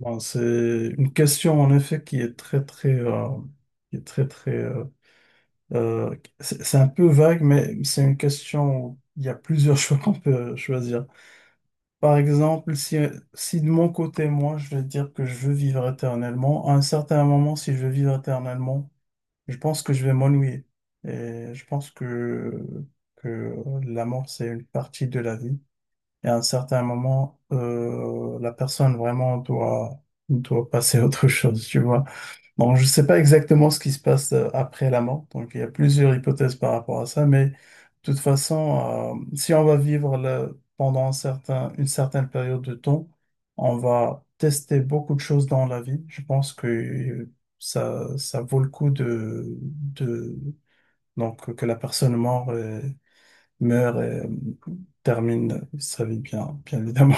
Bon, c'est une question en effet qui est très très qui est très très euh, c'est un peu vague mais c'est une question où il y a plusieurs choix qu'on peut choisir. Par exemple, si de mon côté moi je vais dire que je veux vivre éternellement, à un certain moment si je veux vivre éternellement, je pense que je vais m'ennuyer et je pense que la mort c'est une partie de la vie. Et à un certain moment, la personne vraiment doit passer à autre chose, tu vois. Donc, je ne sais pas exactement ce qui se passe après la mort. Donc, il y a plusieurs hypothèses par rapport à ça. Mais de toute façon, si on va vivre pendant un certain, une certaine période de temps, on va tester beaucoup de choses dans la vie. Je pense que ça vaut le coup donc, que la personne meure et termine sa vie bien, bien évidemment.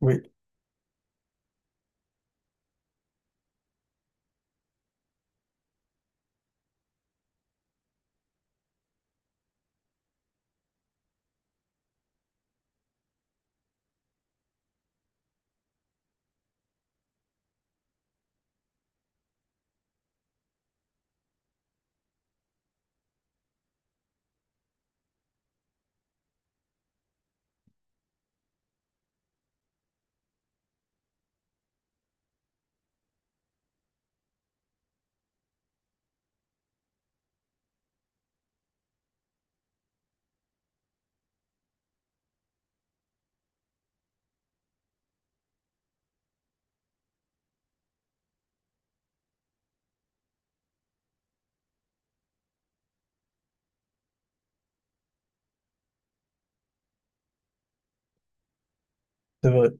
Oui, c'est vrai.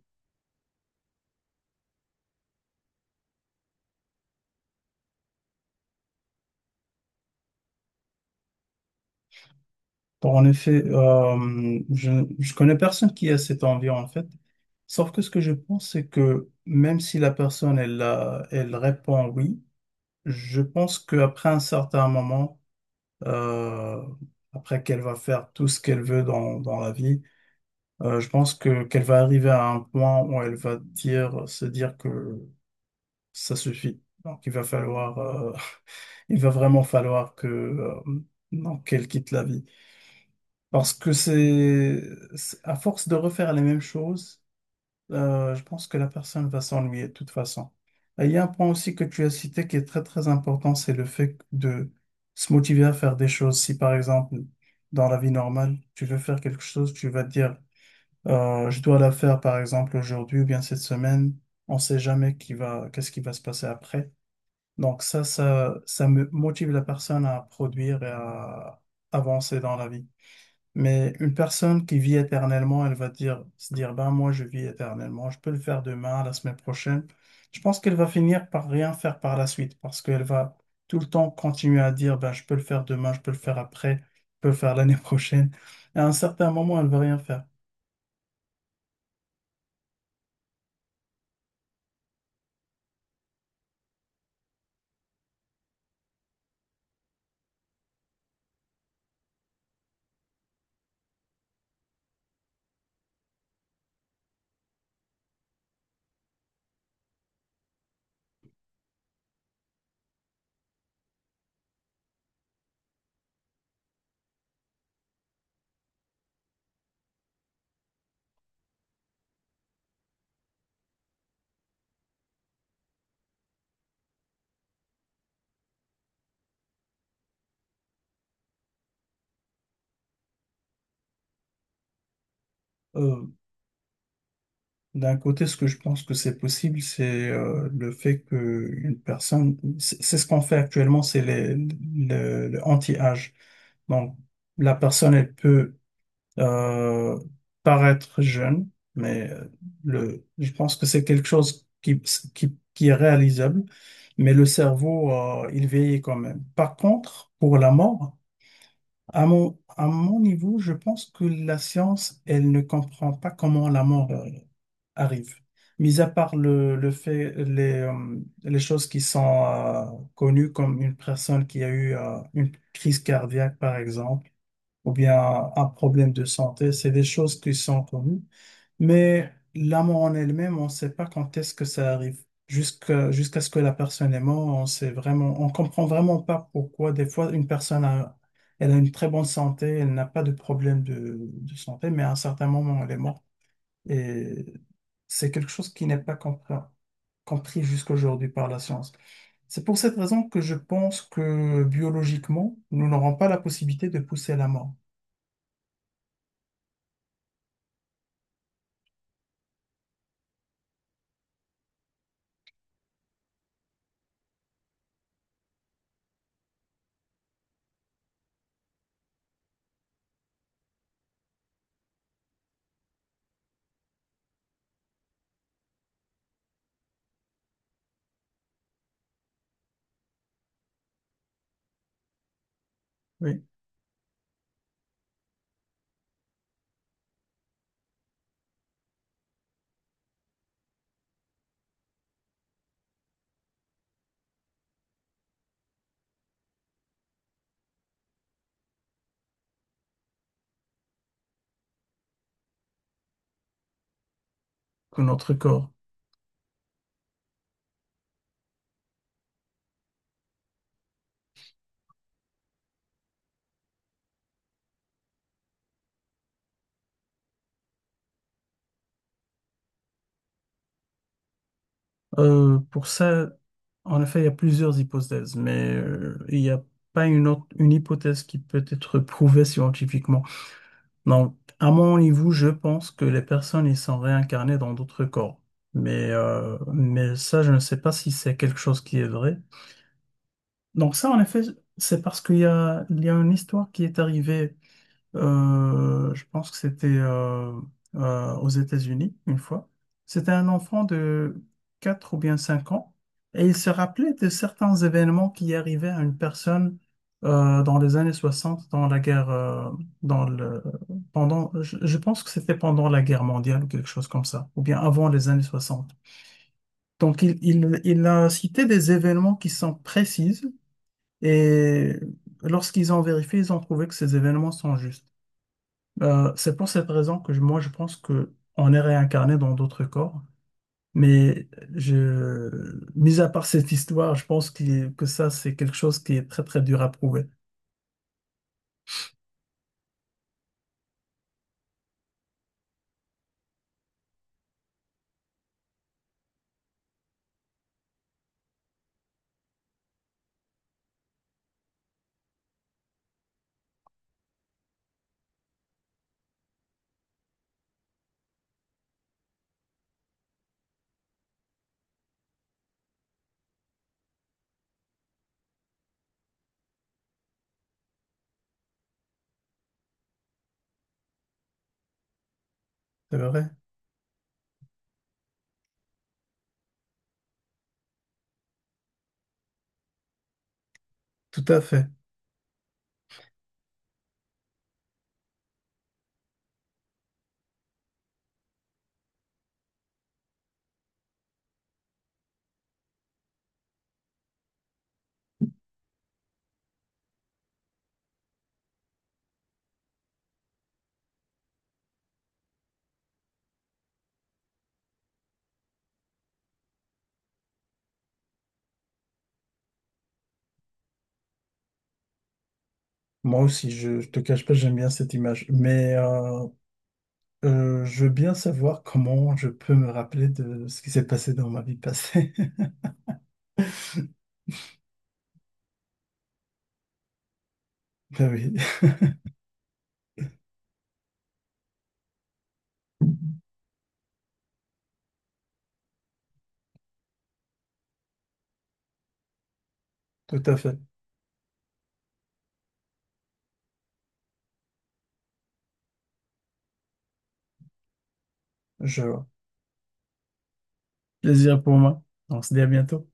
Donc, en effet, je connais personne qui a cette envie en fait. Sauf que ce que je pense, c'est que même si la personne elle répond oui, je pense qu'après un certain moment, euh, après qu'elle va faire tout ce qu'elle veut dans la vie, je pense que qu'elle va arriver à un point où elle va dire, se dire que ça suffit. Donc il va falloir, il va vraiment falloir que donc, qu'elle quitte la vie. Parce que à force de refaire les mêmes choses, je pense que la personne va s'ennuyer de toute façon. Et il y a un point aussi que tu as cité qui est très très important, c'est le fait de se motiver à faire des choses. Si par exemple, dans la vie normale, tu veux faire quelque chose, tu vas te dire, je dois la faire par exemple aujourd'hui ou bien cette semaine, on ne sait jamais qu'est-ce qui va se passer après. Donc ça me motive la personne à produire et à avancer dans la vie. Mais une personne qui vit éternellement, elle va dire, se dire, ben moi je vis éternellement, je peux le faire demain, la semaine prochaine. Je pense qu'elle va finir par rien faire par la suite parce qu'elle va tout le temps continuer à dire, ben je peux le faire demain, je peux le faire après, je peux le faire l'année prochaine. Et à un certain moment, elle va rien faire. Euh, D'un côté, ce que je pense que c'est possible, c'est le fait que une personne, c'est ce qu'on fait actuellement, c'est le anti-âge. Donc, la personne, elle peut euh, paraître jeune, mais je pense que c'est quelque chose qui est réalisable, mais le cerveau, il vieillit quand même. Par contre, pour la mort, à mon niveau, je pense que la science, elle ne comprend pas comment la mort, arrive. Mis à part le fait, les choses qui sont connues comme une personne qui a eu une crise cardiaque, par exemple, ou bien un problème de santé. C'est des choses qui sont connues. Mais la mort en elle-même, on ne sait pas quand est-ce que ça arrive. Jusqu'à ce que la personne est morte, on comprend vraiment pas pourquoi. Des fois, une personne elle a une très bonne santé, elle n'a pas de problème de santé, mais à un certain moment, elle est morte. Et c'est quelque chose qui n'est pas compris jusqu'aujourd'hui par la science. C'est pour cette raison que je pense que biologiquement, nous n'aurons pas la possibilité de pousser la mort. Oui, que notre corps. Pour ça, en effet, il y a plusieurs hypothèses, mais il n'y a pas une hypothèse qui peut être prouvée scientifiquement. Donc, à mon niveau, je pense que les personnes, ils sont réincarnées dans d'autres corps. Mais ça, je ne sais pas si c'est quelque chose qui est vrai. Donc ça, en effet, c'est parce qu'il y a une histoire qui est arrivée. Je pense que c'était aux États-Unis une fois. C'était un enfant de 4 ou bien 5 ans et il se rappelait de certains événements qui arrivaient à une personne dans les années 60, dans la guerre, dans le, je pense que c'était pendant la guerre mondiale ou quelque chose comme ça, ou bien avant les années 60. Donc il a cité des événements qui sont précises et lorsqu'ils ont vérifié, ils ont trouvé que ces événements sont justes. C'est pour cette raison que moi je pense que on est réincarné dans d'autres corps, mais je, mis à part cette histoire, je pense que ça c'est quelque chose qui est très très dur à prouver. C'est vrai? Tout à fait. Moi aussi, je te cache pas, j'aime bien cette image, mais je veux bien savoir comment je peux me rappeler de ce qui s'est passé dans ma vie passée. Ben oui, tout à fait. Je vois. Plaisir pour moi. On se dit à bientôt.